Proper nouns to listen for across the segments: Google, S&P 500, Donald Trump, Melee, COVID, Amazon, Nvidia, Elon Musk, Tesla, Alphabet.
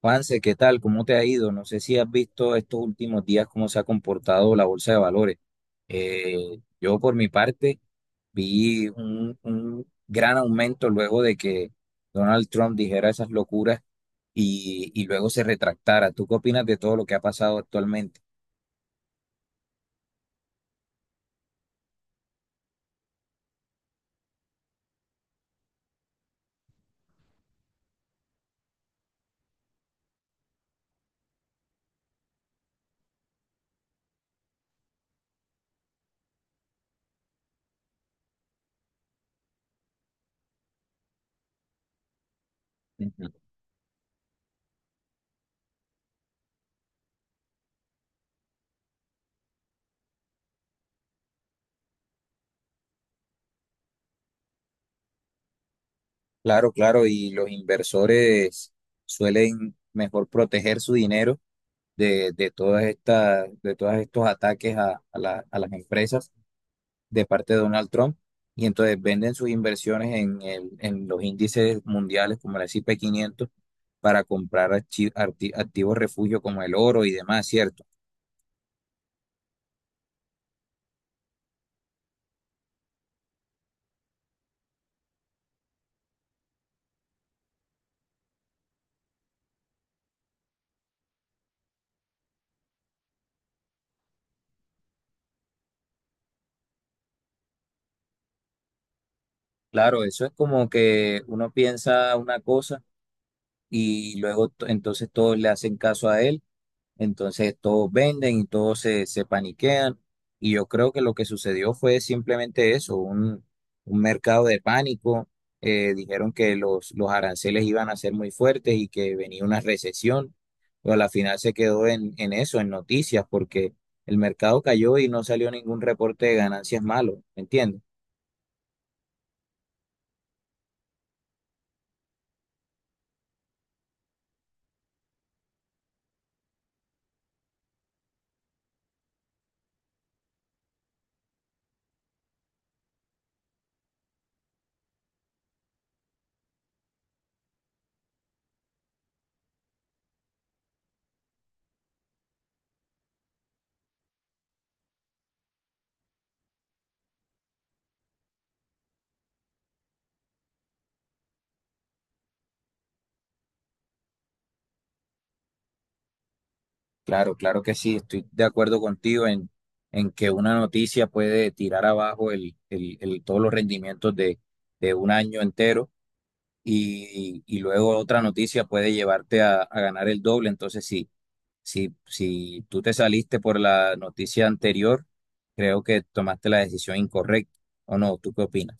Juanse, ¿qué tal? ¿Cómo te ha ido? No sé si has visto estos últimos días cómo se ha comportado la bolsa de valores. Eh, yo por mi parte vi un gran aumento luego de que Donald Trump dijera esas locuras y luego se retractara. ¿Tú qué opinas de todo lo que ha pasado actualmente? Ujú. Claro, claro, y los inversores suelen mejor proteger su dinero de todas estas, de todos estos ataques a, a las empresas de parte de Donald Trump, y entonces venden sus inversiones en, en los índices mundiales como el S&P 500 para comprar activos refugio como el oro y demás, ¿cierto? Claro, eso es como que uno piensa una cosa y luego entonces todos le hacen caso a él. Entonces todos venden y todos se paniquean. Y yo creo que lo que sucedió fue simplemente eso, un mercado de pánico. Dijeron que los aranceles iban a ser muy fuertes y que venía una recesión. Pero a la final se quedó en eso, en noticias, porque el mercado cayó y no salió ningún reporte de ganancias malo, ¿me entiendes? Claro, claro que sí, estoy de acuerdo contigo en que una noticia puede tirar abajo todos los rendimientos de un año entero. Y luego otra noticia puede llevarte a ganar el doble. Entonces, sí, si tú te saliste por la noticia anterior, creo que tomaste la decisión incorrecta. ¿O no? ¿Tú qué opinas?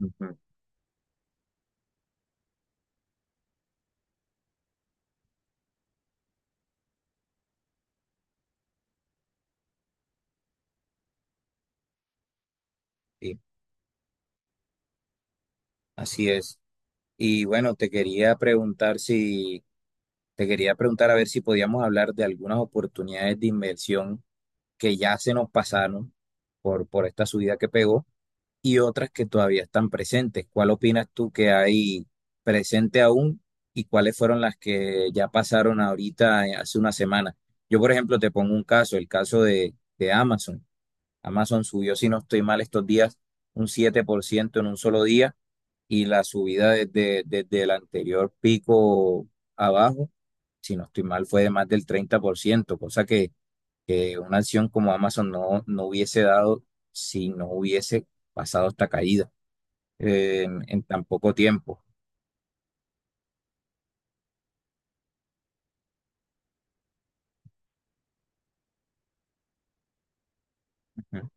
Ujú. Sí, así es. Y bueno, te quería preguntar a ver si podíamos hablar de algunas oportunidades de inversión que ya se nos pasaron por esta subida que pegó, y otras que todavía están presentes. ¿Cuál opinas tú que hay presente aún y cuáles fueron las que ya pasaron ahorita hace una semana? Yo, por ejemplo, te pongo un caso, el caso de Amazon. Amazon subió, si no estoy mal, estos días un 7% en un solo día, y la subida desde el anterior pico abajo, si no estoy mal, fue de más del 30%, cosa que una acción como Amazon no hubiese dado si no hubiese pasado esta caída en tan poco tiempo. Ujú,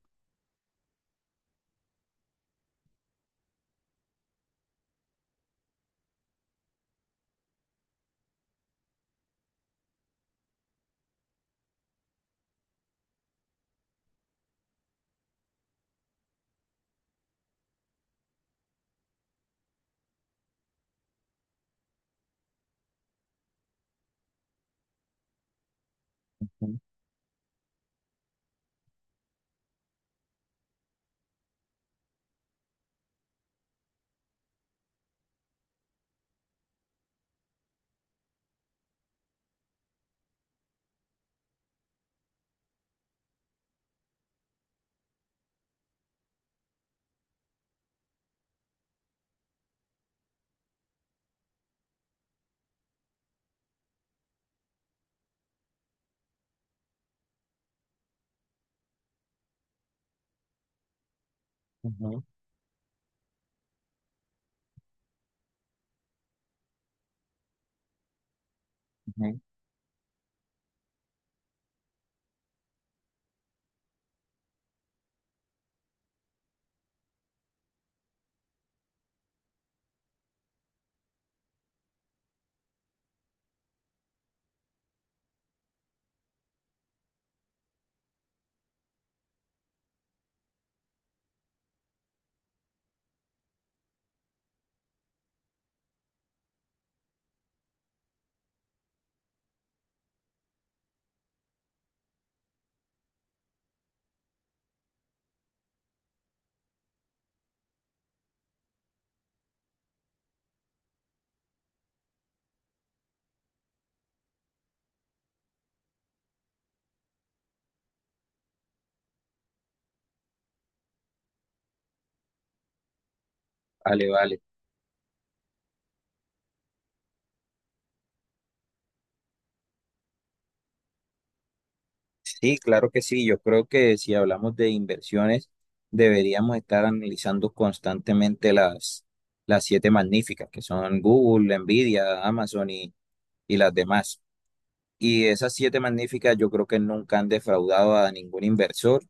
ujú, ujú. Vale, vale. Sí, claro que sí. Yo creo que si hablamos de inversiones, deberíamos estar analizando constantemente las 7 magníficas, que son Google, Nvidia, Amazon y las demás. Y esas siete magníficas yo creo que nunca han defraudado a ningún inversor,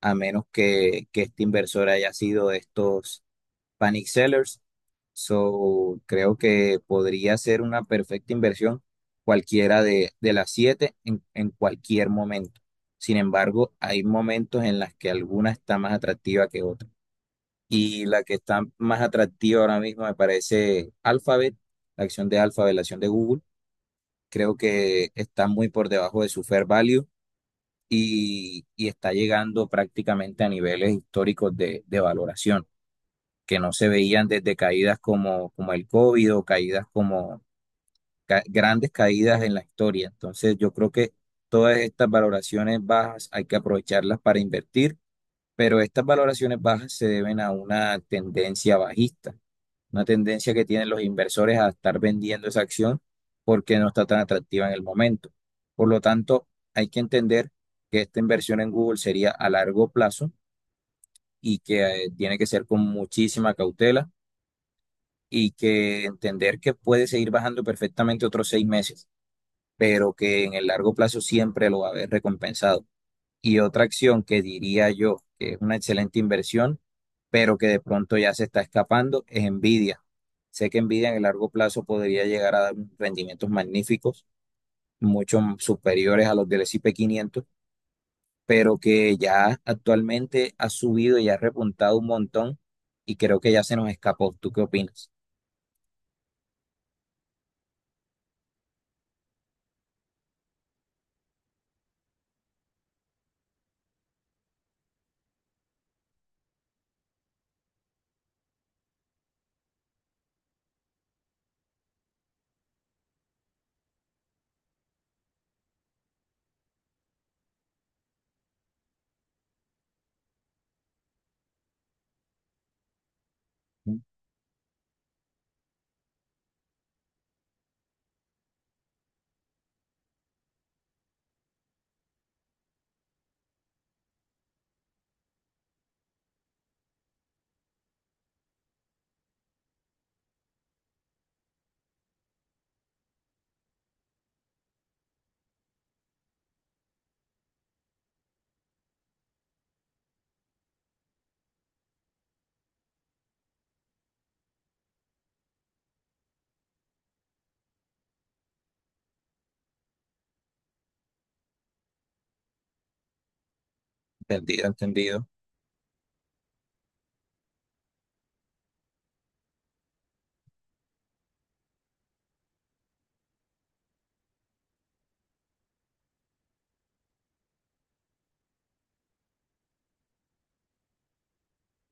a menos que este inversor haya sido de estos panic sellers. So, creo que podría ser una perfecta inversión cualquiera de las 7 en cualquier momento. Sin embargo, hay momentos en las que alguna está más atractiva que otra. Y la que está más atractiva ahora mismo me parece Alphabet, la acción de Alphabet, la acción de Google. Creo que está muy por debajo de su fair value, y está llegando prácticamente a niveles históricos de valoración que no se veían desde caídas como, como el COVID, o caídas como grandes caídas en la historia. Entonces, yo creo que todas estas valoraciones bajas hay que aprovecharlas para invertir, pero estas valoraciones bajas se deben a una tendencia bajista, una tendencia que tienen los inversores a estar vendiendo esa acción porque no está tan atractiva en el momento. Por lo tanto, hay que entender que esta inversión en Google sería a largo plazo, y que tiene que ser con muchísima cautela, y que entender que puede seguir bajando perfectamente otros 6 meses, pero que en el largo plazo siempre lo va a haber recompensado. Y otra acción que diría yo que es una excelente inversión, pero que de pronto ya se está escapando, es Nvidia. Sé que Nvidia en el largo plazo podría llegar a dar rendimientos magníficos, mucho superiores a los del S&P 500, pero que ya actualmente ha subido y ha repuntado un montón, y creo que ya se nos escapó. ¿Tú qué opinas? Entendido, entendido.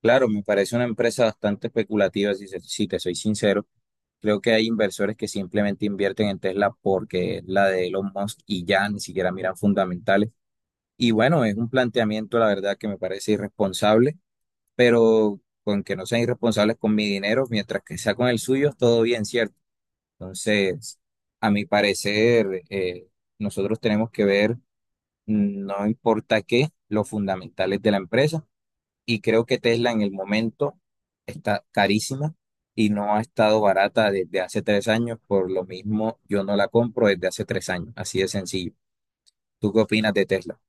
Claro, me parece una empresa bastante especulativa, si, si te soy sincero. Creo que hay inversores que simplemente invierten en Tesla porque es la de Elon Musk y ya ni siquiera miran fundamentales. Y bueno, es un planteamiento, la verdad, que me parece irresponsable, pero con que no sean irresponsables con mi dinero, mientras que sea con el suyo, todo bien, ¿cierto? Entonces, a mi parecer, nosotros tenemos que ver, no importa qué, los fundamentales de la empresa. Y creo que Tesla en el momento está carísima y no ha estado barata desde hace 3 años. Por lo mismo, yo no la compro desde hace 3 años, así de sencillo. ¿Tú qué opinas de Tesla?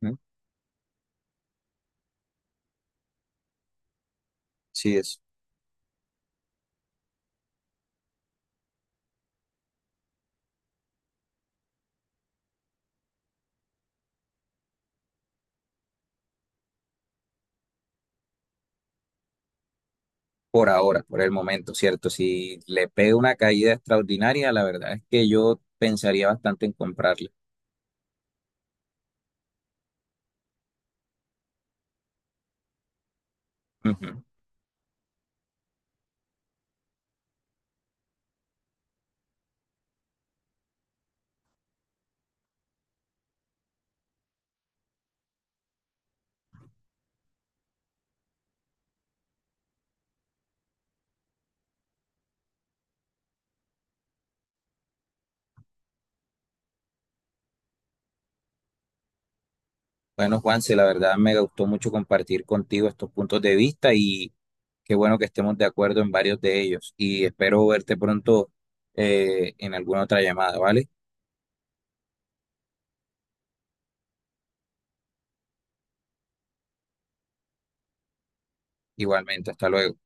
¿Mm? Sí, es por ahora, por el momento, ¿cierto? Si le pega una caída extraordinaria, la verdad es que yo pensaría bastante en comprarla. Ujú. Bueno, Juanse, la verdad me gustó mucho compartir contigo estos puntos de vista. Y qué bueno que estemos de acuerdo en varios de ellos, y espero verte pronto en alguna otra llamada, ¿vale? Igualmente, hasta luego.